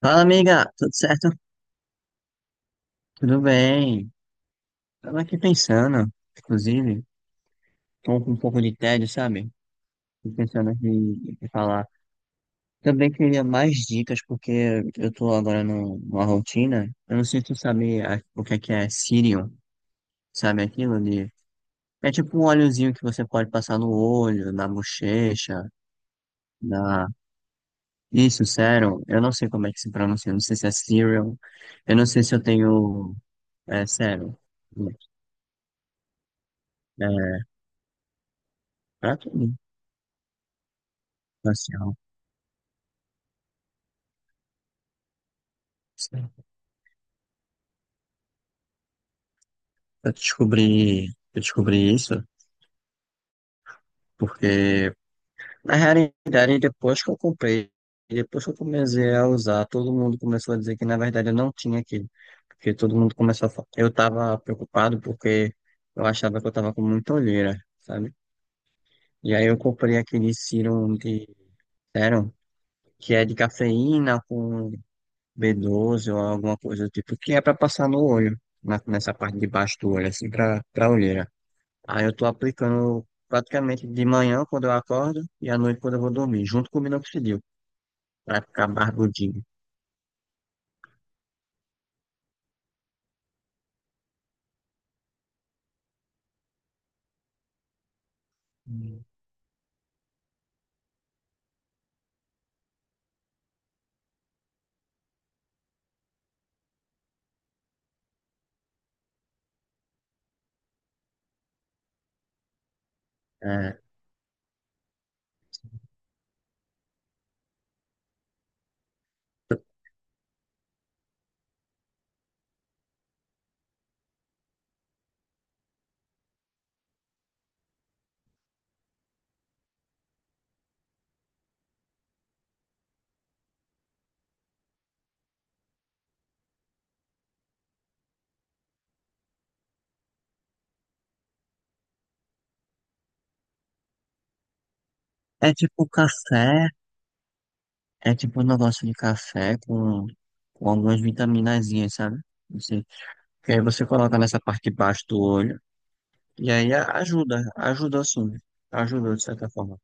Fala, amiga, tudo certo? Tudo bem. Tava aqui pensando, inclusive, tô com um pouco de tédio, sabe? Tô pensando aqui em falar. Também queria mais dicas, porque eu tô agora numa rotina. Eu não sei se tu sabe o que é Cirium, sabe aquilo de. É tipo um óleozinho que você pode passar no olho, na bochecha, na. Isso, sérum. Eu não sei como é que se pronuncia, eu não sei se é Cirium. Eu não sei se eu tenho. É, sérum. É, pra tudo. Sim. Eu descobri, eu descobri isso porque, na realidade, depois que eu comecei a usar, todo mundo começou a dizer que, na verdade, eu não tinha aquilo. Porque todo mundo começou a falar. Eu tava preocupado porque eu achava que eu tava com muita olheira, sabe? E aí eu comprei aquele serum, que é de cafeína com B12 ou alguma coisa do tipo, que é pra passar no olho, nessa parte de baixo do olho, assim, pra olheira. Aí eu tô aplicando praticamente de manhã quando eu acordo e à noite quando eu vou dormir, junto com o minoxidil, pra ficar barbudinho. Hum. É, é tipo café, é tipo um negócio de café com algumas vitaminazinhas, sabe? Você, que aí você coloca nessa parte de baixo do olho e aí ajuda, ajuda sim, ajuda de certa forma.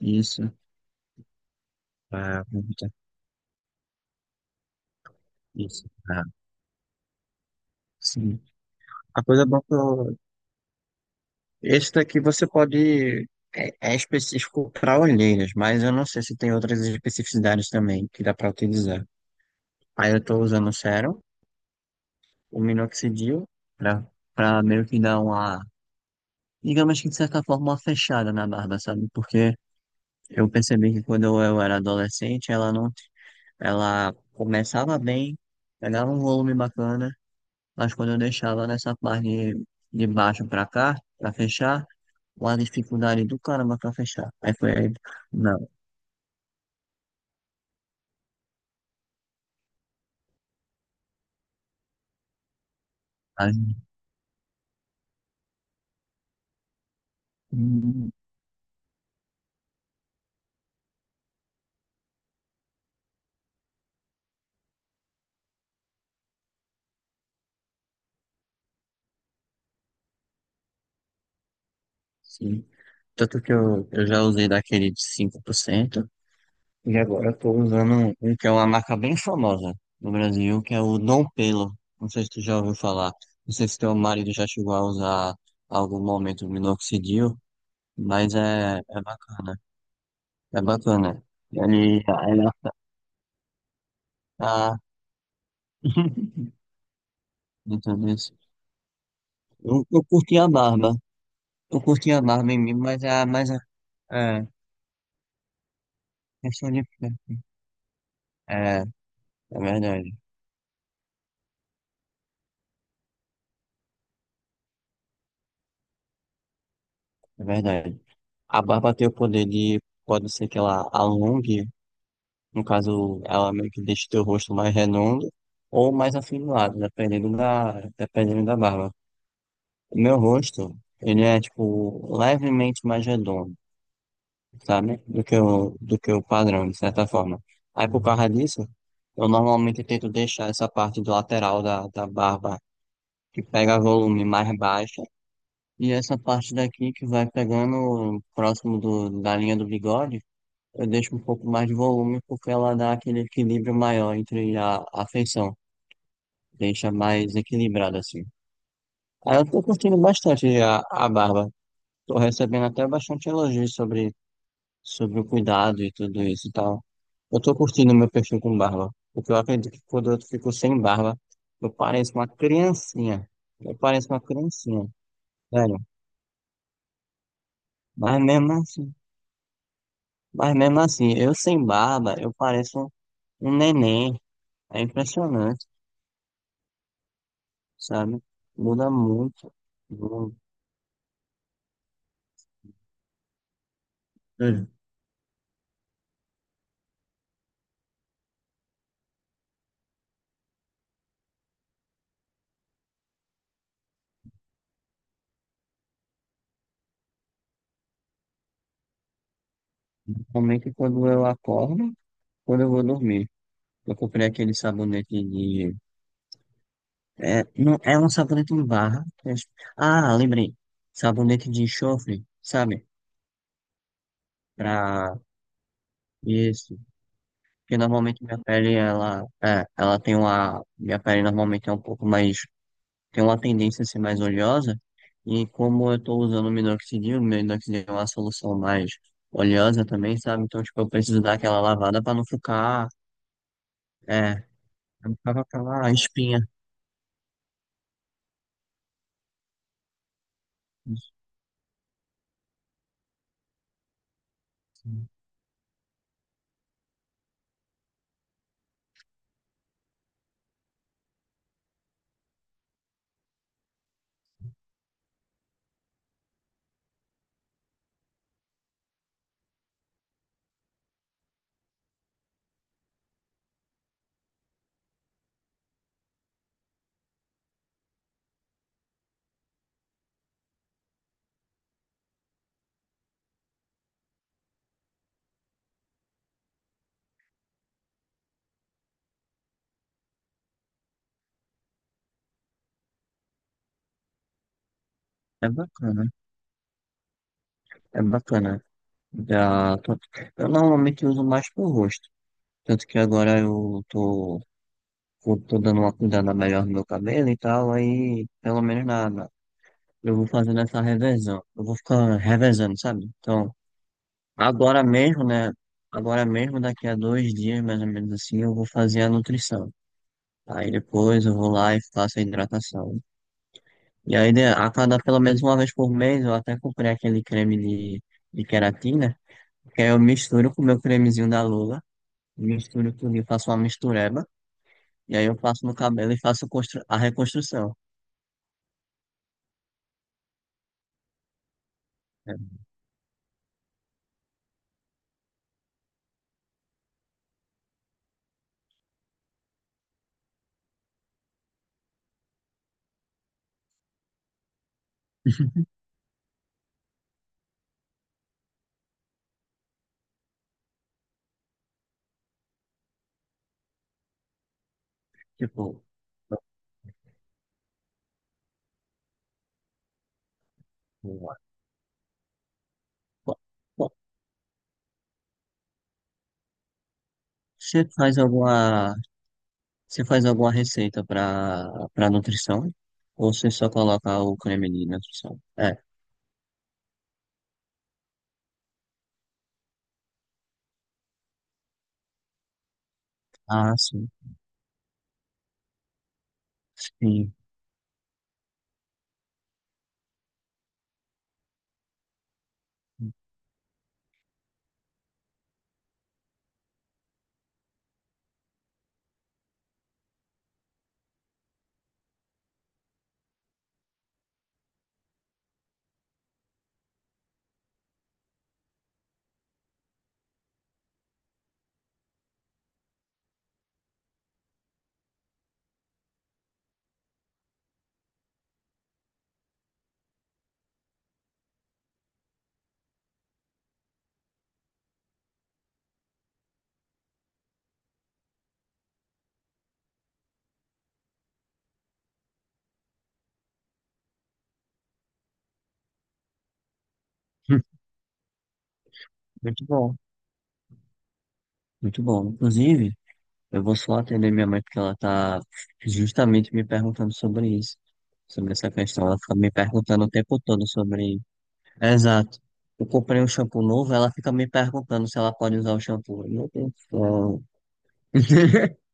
Isso, ah, isso, ah, sim. A coisa boa é que eu. Esse daqui você pode. É específico para olheiras, mas eu não sei se tem outras especificidades também que dá para utilizar. Aí eu estou usando o sérum, o minoxidil, para para meio que dar uma. Digamos que de certa forma uma fechada na barba, sabe? Porque eu percebi que quando eu era adolescente, ela não. Ela começava bem, pegava um volume bacana, mas quando eu deixava nessa parte de baixo para cá, para fechar, uma dificuldade do caramba para fechar. Aí foi. Aí Ai, hum, sim. Tanto que eu já usei daquele de 5% e agora eu tô usando um que é uma marca bem famosa no Brasil, que é o Dom Pelo. Não sei se tu já ouviu falar. Não sei se teu marido já chegou a usar em algum momento o minoxidil, mas é bacana. É bacana. Ele, ele ah, Então, isso. Eu curti a barba. Eu curti a barba em mim, mas é mais é, questão de. É, é verdade. É verdade. A barba tem o poder de, pode ser que ela alongue, no caso, ela meio que deixe teu rosto mais redondo ou mais afinado, dependendo da barba. O meu rosto, ele é, tipo, levemente mais redondo, sabe? Do que o padrão, de certa forma. Aí, por causa disso, eu normalmente tento deixar essa parte do lateral da barba, que pega volume mais baixa, e essa parte daqui que vai pegando próximo da linha do bigode, eu deixo um pouco mais de volume porque ela dá aquele equilíbrio maior entre a feição, deixa mais equilibrado assim. Aí eu tô curtindo bastante a barba, tô recebendo até bastante elogios sobre o cuidado e tudo isso e tal. Eu tô curtindo meu perfil com barba, porque eu acredito que quando eu fico sem barba, eu pareço uma criancinha, eu pareço uma criancinha, velho, mas mesmo assim, mas mesmo assim, eu sem barba, eu pareço um neném, é impressionante, sabe? Muda muito. Eu- É. Principalmente quando eu acordo, quando eu vou dormir. Eu comprei aquele sabonete de. É, não, é um sabonete em barra. Ah, lembrei. Sabonete de enxofre, sabe? Pra isso. Porque normalmente minha pele, ela tem uma. Minha pele normalmente é um pouco mais. Tem uma tendência a ser mais oleosa, e como eu estou usando o minoxidil é uma solução mais oleosa também, sabe? Então, tipo, eu preciso dar aquela lavada para não ficar, pra não ficar com aquela espinha. É bacana, é bacana. Já tô- Eu normalmente uso mais pro rosto, tanto que agora eu tô dando uma cuidada melhor no meu cabelo e tal, aí pelo menos nada. Eu vou fazendo essa revezão, eu vou ficar revezando, sabe? Então, agora mesmo, né? Agora mesmo, daqui a 2 dias, mais ou menos assim, eu vou fazer a nutrição. Aí depois eu vou lá e faço a hidratação. E aí, a cada pelo menos uma vez por mês, eu até comprei aquele creme de, de queratina, que aí eu misturo com o meu cremezinho da Lula, misturo tudo e faço uma mistureba. E aí eu passo no cabelo e faço a reconstrução, né? Tipo, você faz alguma Você faz alguma receita para nutrição? Ou você só coloca o creme de nutrição? É. Ah, sim. Sim. Hum. Muito bom. Muito bom. Inclusive, eu vou só atender minha mãe porque ela tá justamente me perguntando sobre isso. Sobre essa questão. Ela fica me perguntando o tempo todo sobre. Exato. Eu comprei um shampoo novo, ela fica me perguntando se ela pode usar o shampoo. Meu Deus do céu.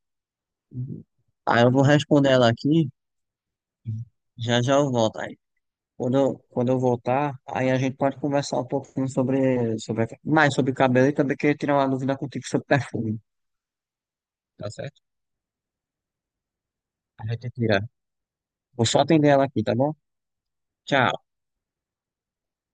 Aí eu vou responder ela aqui. Já já eu volto. Aí, quando eu voltar, aí a gente pode conversar um pouquinho mais sobre cabelo e também queria tirar uma dúvida contigo sobre perfume, tá certo? A gente tira. Vou só atender ela aqui, tá bom? Tchau.